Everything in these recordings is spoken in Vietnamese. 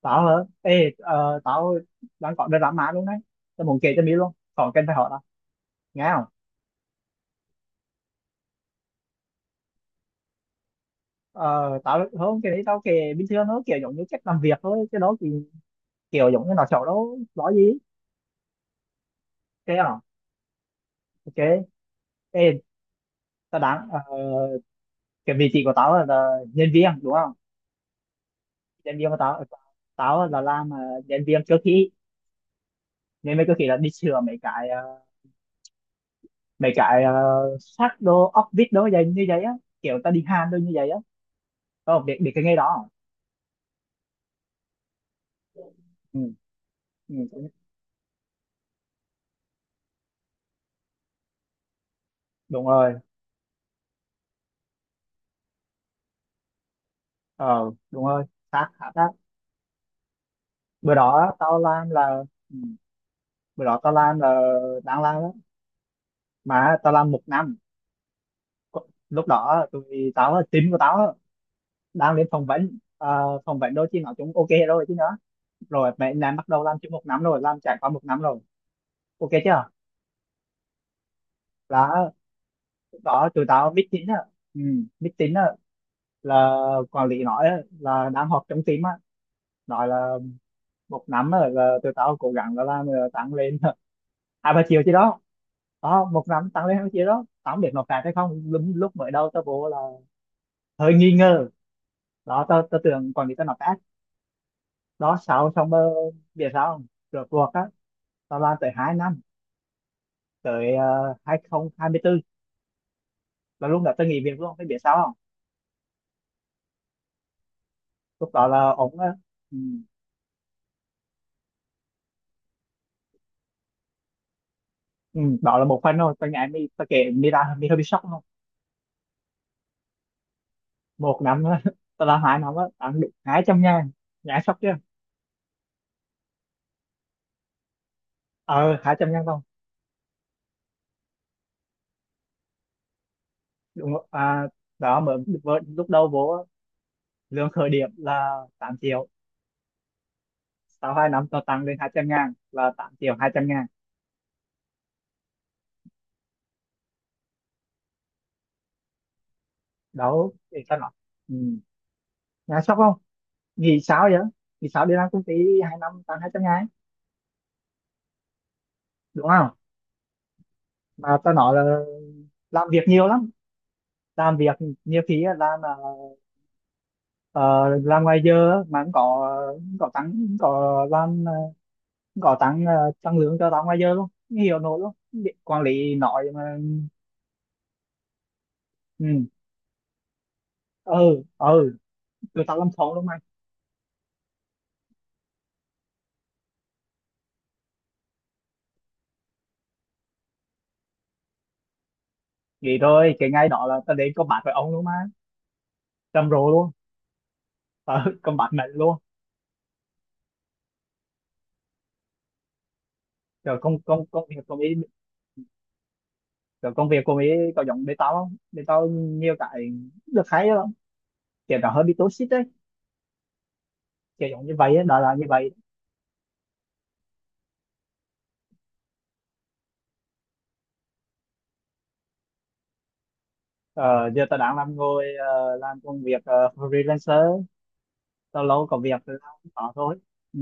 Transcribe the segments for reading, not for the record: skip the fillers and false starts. Tao hả? Tao đang có drama mã luôn đấy. Tao muốn kể cho mi luôn. Còn cần phải hỏi tao. Nghe không? Ờ, tao không cái đấy tao kể bình thường thôi, kiểu giống như cách làm việc thôi. Cái đó thì kiểu giống như nó xấu đâu, nói gì. Ok không? Ok. Ê, tao đang cái vị trí của tao là nhân viên đúng không? Nhân viên của tao tao làm nhân viên cơ khí. Nên viên cơ khí là đi sửa mấy cái mấy cái ờ, sắt đồ, ốc vít đồ vậy như vậy á. Kiểu tao đi hàn đồ như vậy á. Không, biết biết cái nghề đó, không? Ừ. Ừ. Đúng rồi, ờ đúng rồi, xác khá xác. Bữa đó tao làm là ừ, bữa đó tao làm là đang làm đó mà tao làm một năm. Có- lúc đó tụi tao là team của tao á, đang lên phỏng vấn. Ờ, phỏng vấn đôi khi nói chúng ok rồi chứ nữa, rồi mẹ làm bắt đầu làm chung một năm rồi làm trải qua một năm rồi. Ok chưa? Là lúc đó tụi tao biết tính á, ừ, biết tính á, là quản lý nói á, là đang họp trong team á, nói là một năm á, là tụi tao cố gắng là làm tăng lên 2-3 triệu chứ đó. Ờ, một năm tăng lên 20 triệu đó, tao không biết nộp phạt hay không. Lúc, lúc mới đầu tao vô là hơi nghi ngờ. Đó tao tao tưởng quản lý tao nộp phạt đó, sau xong biết sao không, rượt cuộc á tao làm tới 2 năm, tới 2024 là lúc đó tao nghỉ việc luôn. Phải biết sao không? Lúc đó là ổng á, ừ, ừ, đó là một phần thôi. Tao nhảy mi, tao kể mi ra mi hơi bị sốc luôn. Một năm á, tao làm hai năm á tao ăn được 200.000. Nhảy sốc chưa? Ờ 200.000 không, đúng rồi. À, đó mới vừa- lúc đầu vô á, lương khởi điểm là 8 triệu, sau 2 năm tao tăng lên 200.000 là 8.200.000. Đó để cho nó, ừ, nghe sốc không? Nghĩ sao vậy? Nghĩ sao đi làm công ty 2 năm tăng 200.000, đúng không? Mà tao nói là làm việc nhiều lắm, làm việc nhiều khi á, làm ngoài giờ á, mà cũng có tăng, cũng có làm cũng có tăng tăng lương cho tao ngoài giờ luôn, không hiểu nổi luôn. Quản lý nói mà ừ ừ ừ, tụi tao làm khổ luôn mà. Vậy thôi cái ngay đó là tao đến combat với ông luôn mà, trầm rồ luôn. Tao combat mạnh luôn. Rồi công công công việc của mỹ, rồi công việc của mỹ có giống bên tao không? Bên tao nhiều cái được hay lắm, kiểu nó hơi bị toxic đấy, kiểu giống như vậy ấy, đó là như vậy. Ờ, giờ tao đang làm ngồi làm công việc freelancer. Tao lâu có việc thì tao cũng có thôi. Ừ,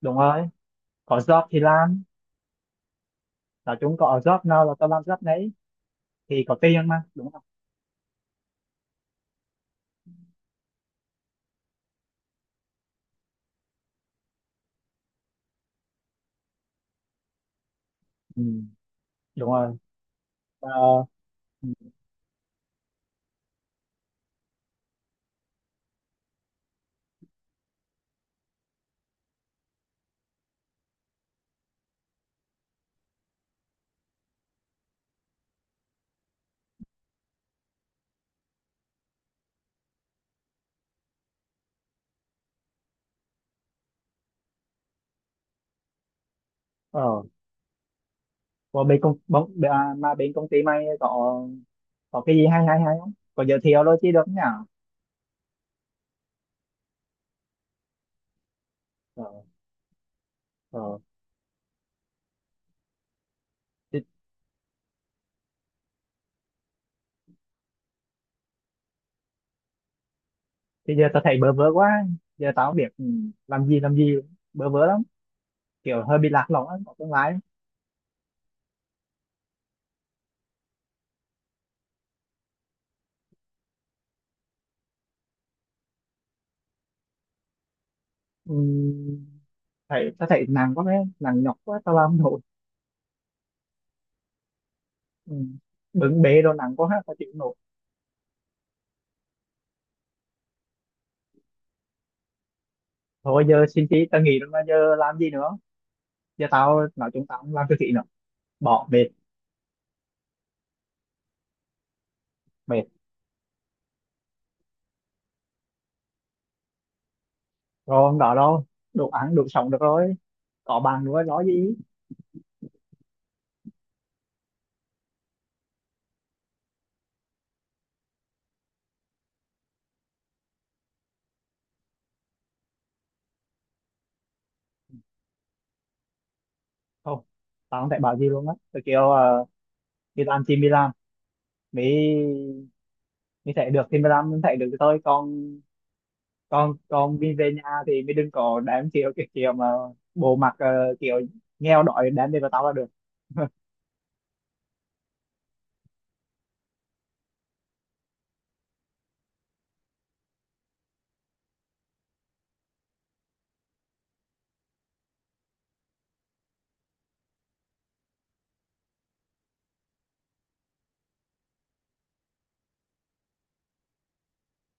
đúng rồi, có job thì làm. Nói chung có job nào là tao làm job đấy, thì có tiền mà đúng không. Ừ, đúng rồi. Ờ, ừ, ờ còn bên công bóng à, mà bên công ty mày có cái gì hay hay hay không? Có giới thiệu đôi chứ được nhỉ? Ờ, ờ. Thì, thì giờ tao thấy bơ vơ quá, giờ tao không biết ừ, làm gì làm gì, bơ vơ lắm, kiểu hơi bị lạc lõng á, có tương lai. Ừ, thấy tao thấy nặng quá mấy, nặng nhọc quá tao làm không nổi. Ừ. Bưng bê rồi nặng quá ha, tao chịu không nổi. Thôi giờ xin chí tao nghỉ rồi mà giờ làm gì nữa? Giờ tao nói chúng tao không làm cái gì nữa, bỏ mệt, mệt rồi không đó đâu, đủ ăn đủ sống được rồi, có bạn nữa nói gì. Không, tao không thể bảo gì luôn á. Tôi kiểu đi làm thì đi làm, mới mới thể được thì mới làm, mới thể được thì thôi con, con đi về nhà thì mới đừng có đám kiểu cái kiểu mà bộ mặt kiểu nghèo đói đám về vào tao là được.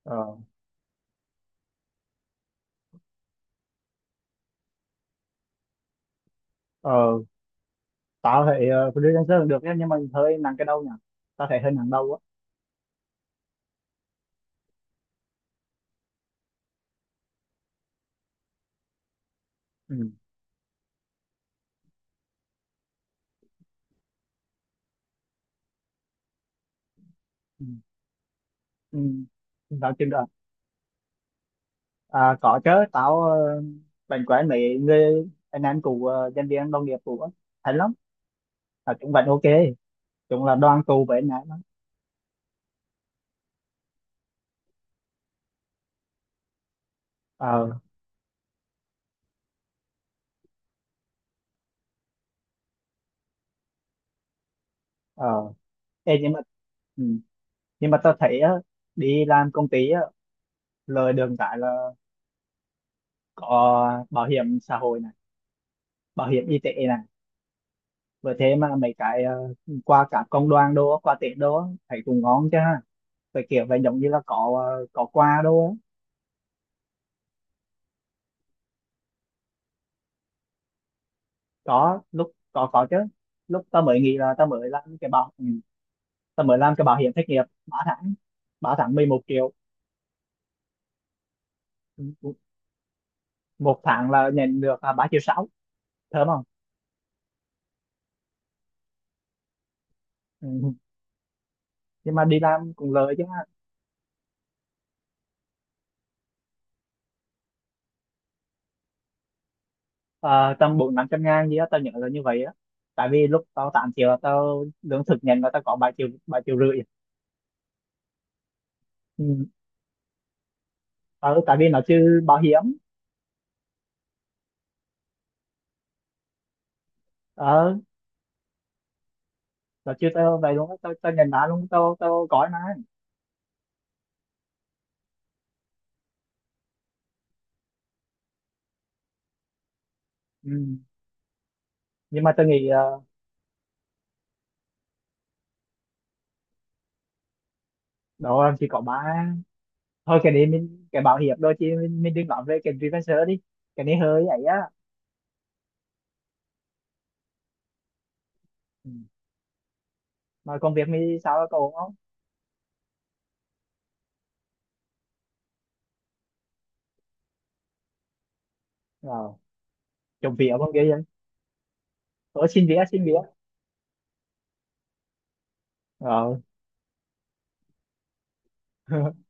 Ờ ờ, tao thấy freelancer cũng được nhá, nhưng mà hơi nặng cái đầu nhỉ, tao thấy hơi nặng đầu á. Ừ ừ ừ, tao chịu được. À, có chứ, tao uh, bạn quen mấy người, anh em cũ nhân viên đồng nghiệp cũ á, thấy lắm. À, cũng vẫn ok, chung là đoàn tụ với anh em á. Ờ ờ. Ê, nhưng mà ừ, nhưng mà tao thấy á, đi làm công ty á, lời đường cái là có bảo hiểm xã hội này, bảo hiểm y tế này, với thế mà mấy cái qua cả công đoàn đô, qua Tết đô á, thấy cũng ngon chứ ha, về kiểu là giống như là có có quà đô á. Có lúc có chứ. Lúc tao mới nghĩ là tao mới làm cái bảo, ừ, tao mới làm cái bảo hiểm thất nghiệp ba tháng, ba tháng 11 triệu. Ừ, một tháng là nhận được à, 3,6 triệu. Thơm không? Ừ. Nhưng mà đi làm cũng lợi chứ ha. Ờ, tầm 400-500 ngàn gì á tao nhớ là như vậy á, tại vì lúc tao 8 triệu là tao lương thực nhận là tao có 3 triệu, 3 triệu rưỡi. Ừ. Ờ, tại vì nó chưa bảo hiểm. Ờ nó chưa tao vậy luôn á. Tao tao nhận đã luôn, tao tao có mà. Ừ. Nhưng mà tao nghĩ ờ, đó là chỉ có ba, thôi cái đấy mình cái bảo hiểm đôi chứ mình đừng nói về cái freelancer đi, cái này hơi ấy á. Ừ. Mà công việc mình sao có ổn không? Ờ. Trộm vía con kia vậy. Ờ xin vía xin vía. Ờ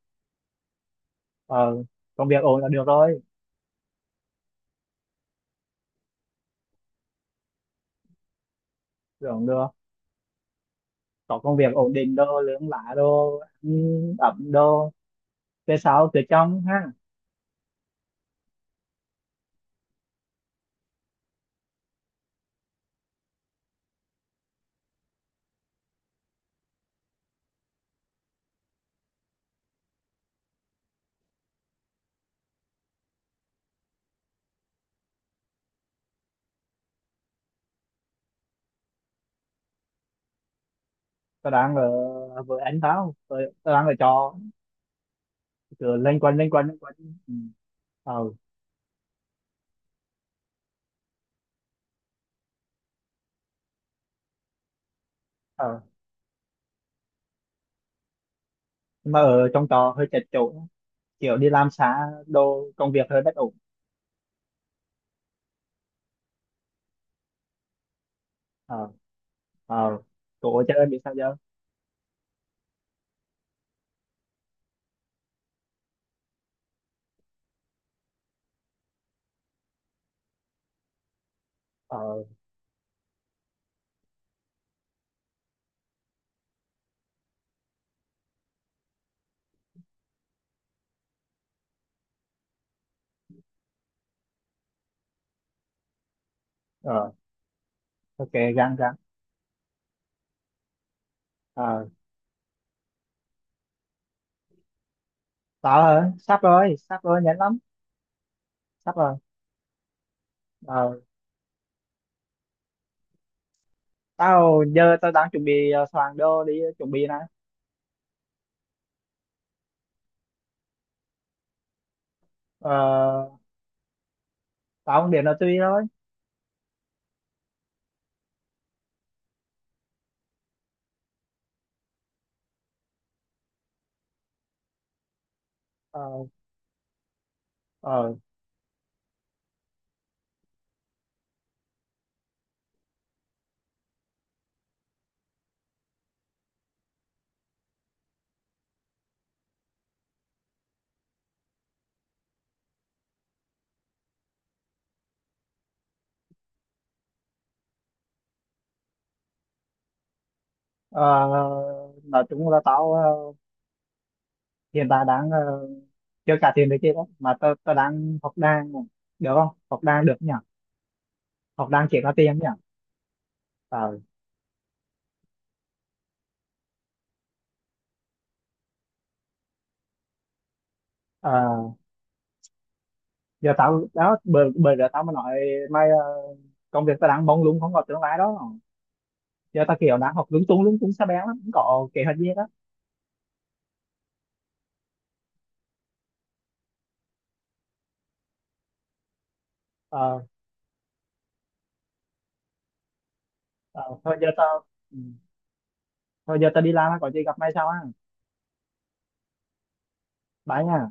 ờ, công việc ổn là được rồi. Tưởng được có công việc ổn định đồ lương lá đồ ăn ẩm đồ về sau về trong ha. Tao đang ở với anh tao, tao đang ở trọ, cứ lên quanh lên quanh lên quanh. Ừ. Ờ ờ. Nhưng mà ở trong trọ hơi chật chội, kiểu đi làm xa đồ, công việc hơi bất ổn. Ờ ờ, cổ chơi bị sao giờ. Ờ ờ ok, gắng gắng. Ờ, tao hả, sắp rồi sắp rồi, nhanh lắm, sắp rồi. Ờ. Tao giờ tao đang chuẩn bị soạn đồ đi, chuẩn bị này. Ờ, tao không biết là tùy thôi. Ờ, ờ, ờ, nói chung là tao hiện tại đang chưa trả tiền được kia đó mà tao tao đang học đàn này. Được không? Học đàn được nhỉ, học đàn chỉ có tiền nhỉ. Ờ, ờ, giờ tao đó bởi bởi giờ tao mới nói mày công việc tao đang mông lung không có tương lai đó. Giờ tao kiểu đang học lung tung xa bén lắm, không có kế hoạch gì đó. Ờ, ờ, thôi giờ tao ừ, thôi giờ tao đi làm á, có gì gặp mày sau á. Bye nha.